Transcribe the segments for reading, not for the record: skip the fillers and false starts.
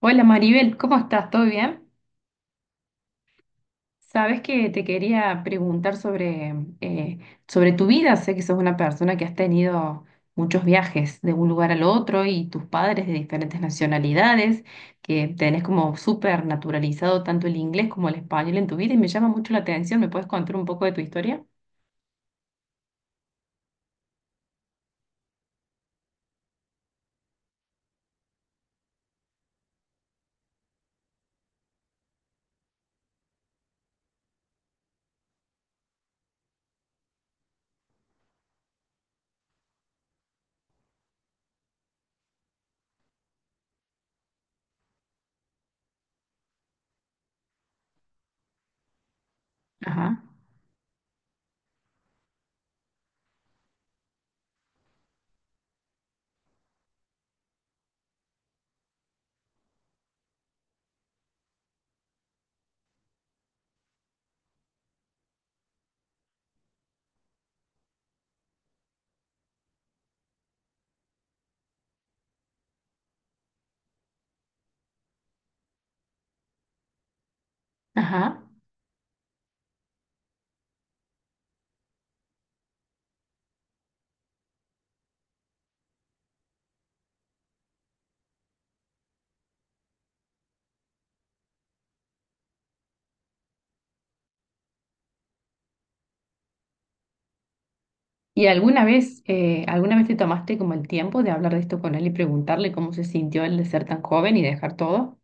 Hola Maribel, ¿cómo estás? ¿Todo bien? Sabes que te quería preguntar eh, sobre tu vida. Sé que sos una persona que has tenido muchos viajes de un lugar al otro y tus padres de diferentes nacionalidades, que tenés como súper naturalizado tanto el inglés como el español en tu vida y me llama mucho la atención. ¿Me puedes contar un poco de tu historia? Ajá, ajá. ¿Y alguna vez te tomaste como el tiempo de hablar de esto con él y preguntarle cómo se sintió el de ser tan joven y dejar todo?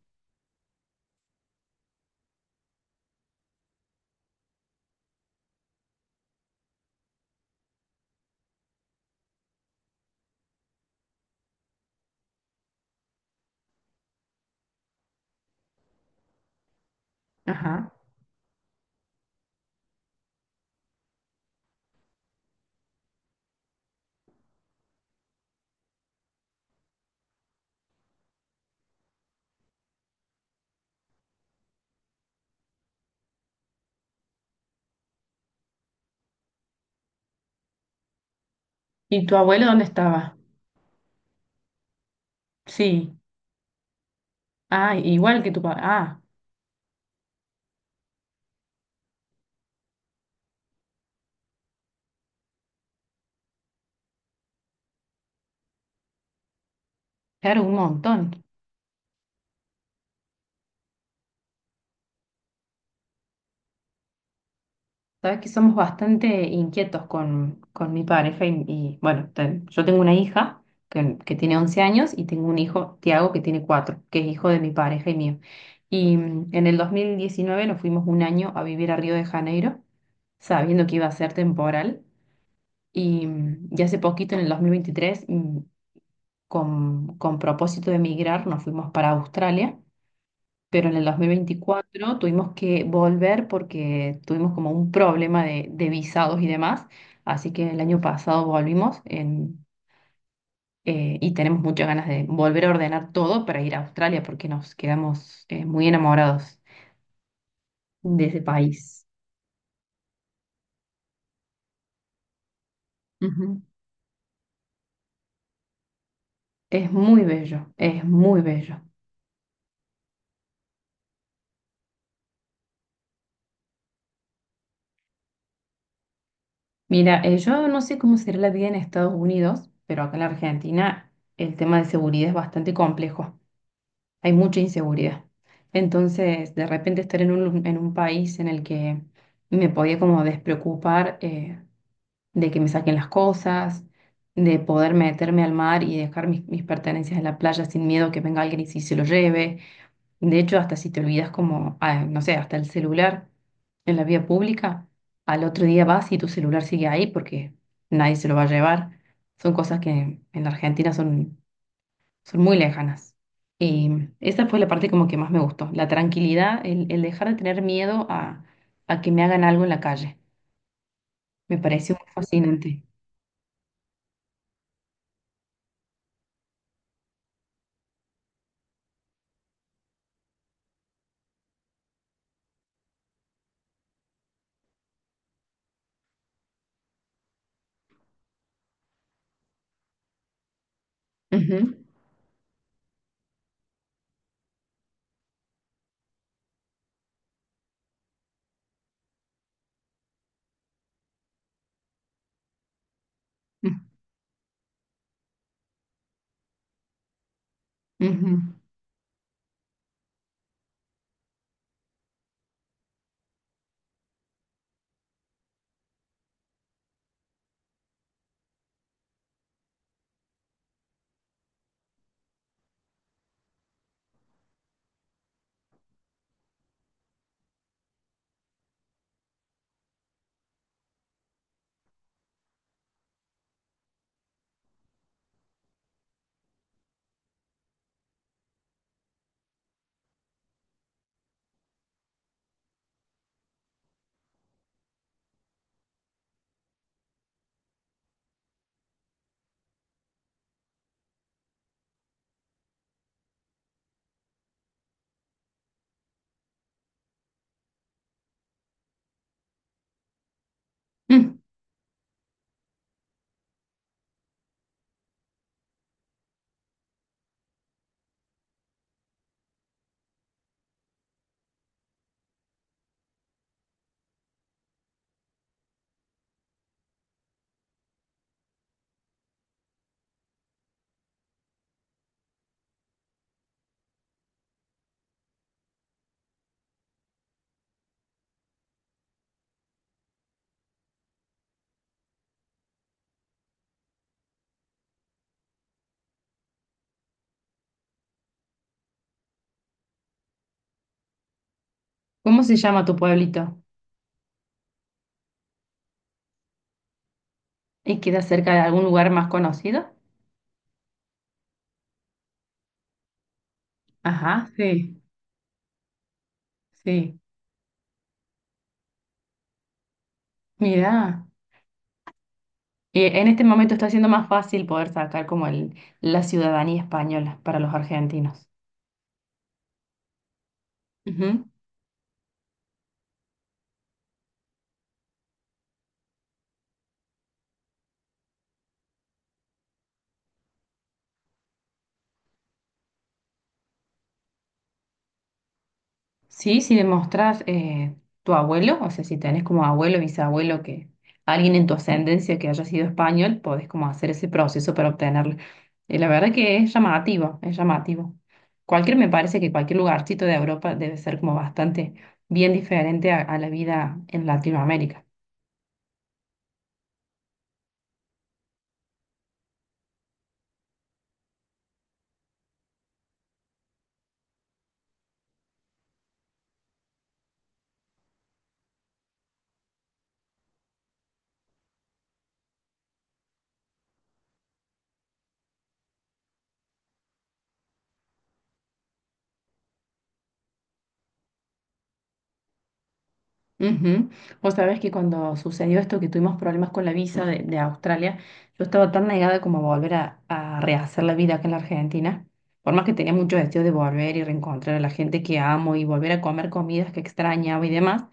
Ajá. ¿Y tu abuelo dónde estaba? Sí. Ah, igual que tu papá. Ah, claro, un montón. Sabes que somos bastante inquietos con mi pareja bueno, yo tengo una hija que tiene 11 años y tengo un hijo, Tiago, que tiene 4, que es hijo de mi pareja y mío. Y en el 2019 nos fuimos un año a vivir a Río de Janeiro, sabiendo que iba a ser temporal. Y hace poquito, en el 2023, con propósito de emigrar, nos fuimos para Australia, pero en el 2024 tuvimos que volver porque tuvimos como un problema de visados y demás, así que el año pasado volvimos y tenemos muchas ganas de volver a ordenar todo para ir a Australia porque nos quedamos muy enamorados de ese país. Ujú. Es muy bello, es muy bello. Mira, yo no sé cómo será la vida en Estados Unidos, pero acá en la Argentina el tema de seguridad es bastante complejo. Hay mucha inseguridad. Entonces, de repente estar en en un país en el que me podía como despreocupar de que me saquen las cosas, de poder meterme al mar y dejar mis pertenencias en la playa sin miedo que venga alguien y si se lo lleve. De hecho, hasta si te olvidas como, ah, no sé, hasta el celular en la vía pública, al otro día vas y tu celular sigue ahí porque nadie se lo va a llevar. Son cosas que en la Argentina son muy lejanas. Y esa fue la parte como que más me gustó, la tranquilidad, el dejar de tener miedo a que me hagan algo en la calle. Me pareció muy fascinante. Ujú, mm, ujú. Mm. ¿Cómo se llama tu pueblito? ¿Y queda cerca de algún lugar más conocido? Ajá, sí, sí. Mira, en este momento está siendo más fácil poder sacar como la ciudadanía española para los argentinos. Ujú. Sí, si demostrás tu abuelo, o sea, si tenés como abuelo, bisabuelo, que alguien en tu ascendencia que haya sido español, podés como hacer ese proceso para obtenerlo. Y la verdad que es llamativo, es llamativo. Cualquier, me parece que cualquier lugarcito de Europa debe ser como bastante bien diferente a la vida en Latinoamérica. Ujú. Vos sabés que cuando sucedió esto, que tuvimos problemas con la visa de Australia, yo estaba tan negada como a volver a rehacer la vida acá en la Argentina. Por más que tenía mucho deseo de volver y reencontrar a la gente que amo y volver a comer comidas que extrañaba y demás,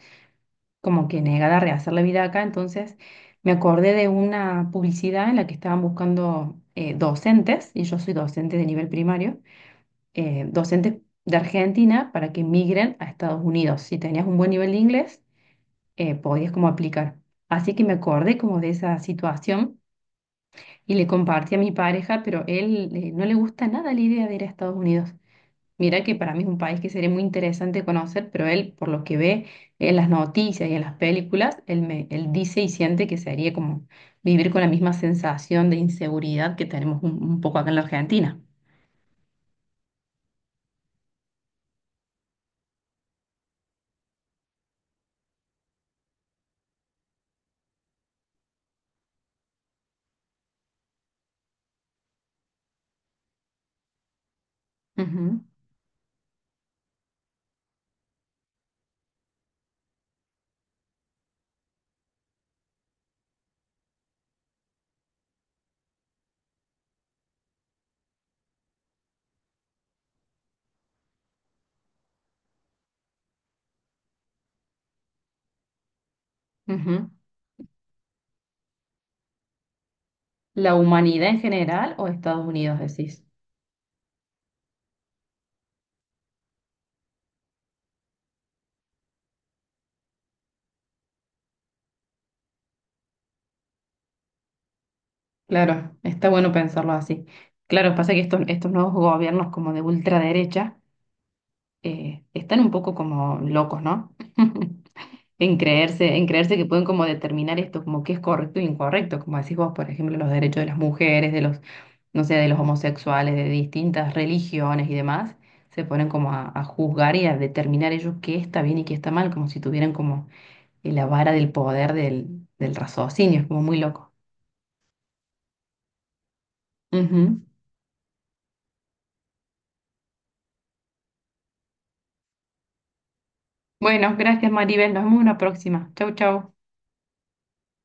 como que negada a rehacer la vida acá. Entonces me acordé de una publicidad en la que estaban buscando docentes, y yo soy docente de nivel primario, docentes de Argentina para que migren a Estados Unidos. Si tenías un buen nivel de inglés podías como aplicar. Así que me acordé como de esa situación y le compartí a mi pareja, pero él no le gusta nada la idea de ir a Estados Unidos. Mira que para mí es un país que sería muy interesante conocer, pero él, por lo que ve en las noticias y en las películas, él dice y siente que sería como vivir con la misma sensación de inseguridad que tenemos un poco acá en la Argentina. Ujú, ujú. ¿La humanidad en general o Estados Unidos, decís? Claro, está bueno pensarlo así. Claro, pasa que estos nuevos gobiernos como de ultraderecha están un poco como locos, ¿no? En creerse que pueden como determinar esto, como qué es correcto e incorrecto, como decís vos, por ejemplo, los derechos de las mujeres, de los, no sé, de los homosexuales, de distintas religiones y demás, se ponen como a juzgar y a determinar ellos qué está bien y qué está mal, como si tuvieran como la vara del poder del raciocinio, es como muy loco. Ujú. Bueno, gracias Maribel, nos vemos en una próxima. Chau, chau.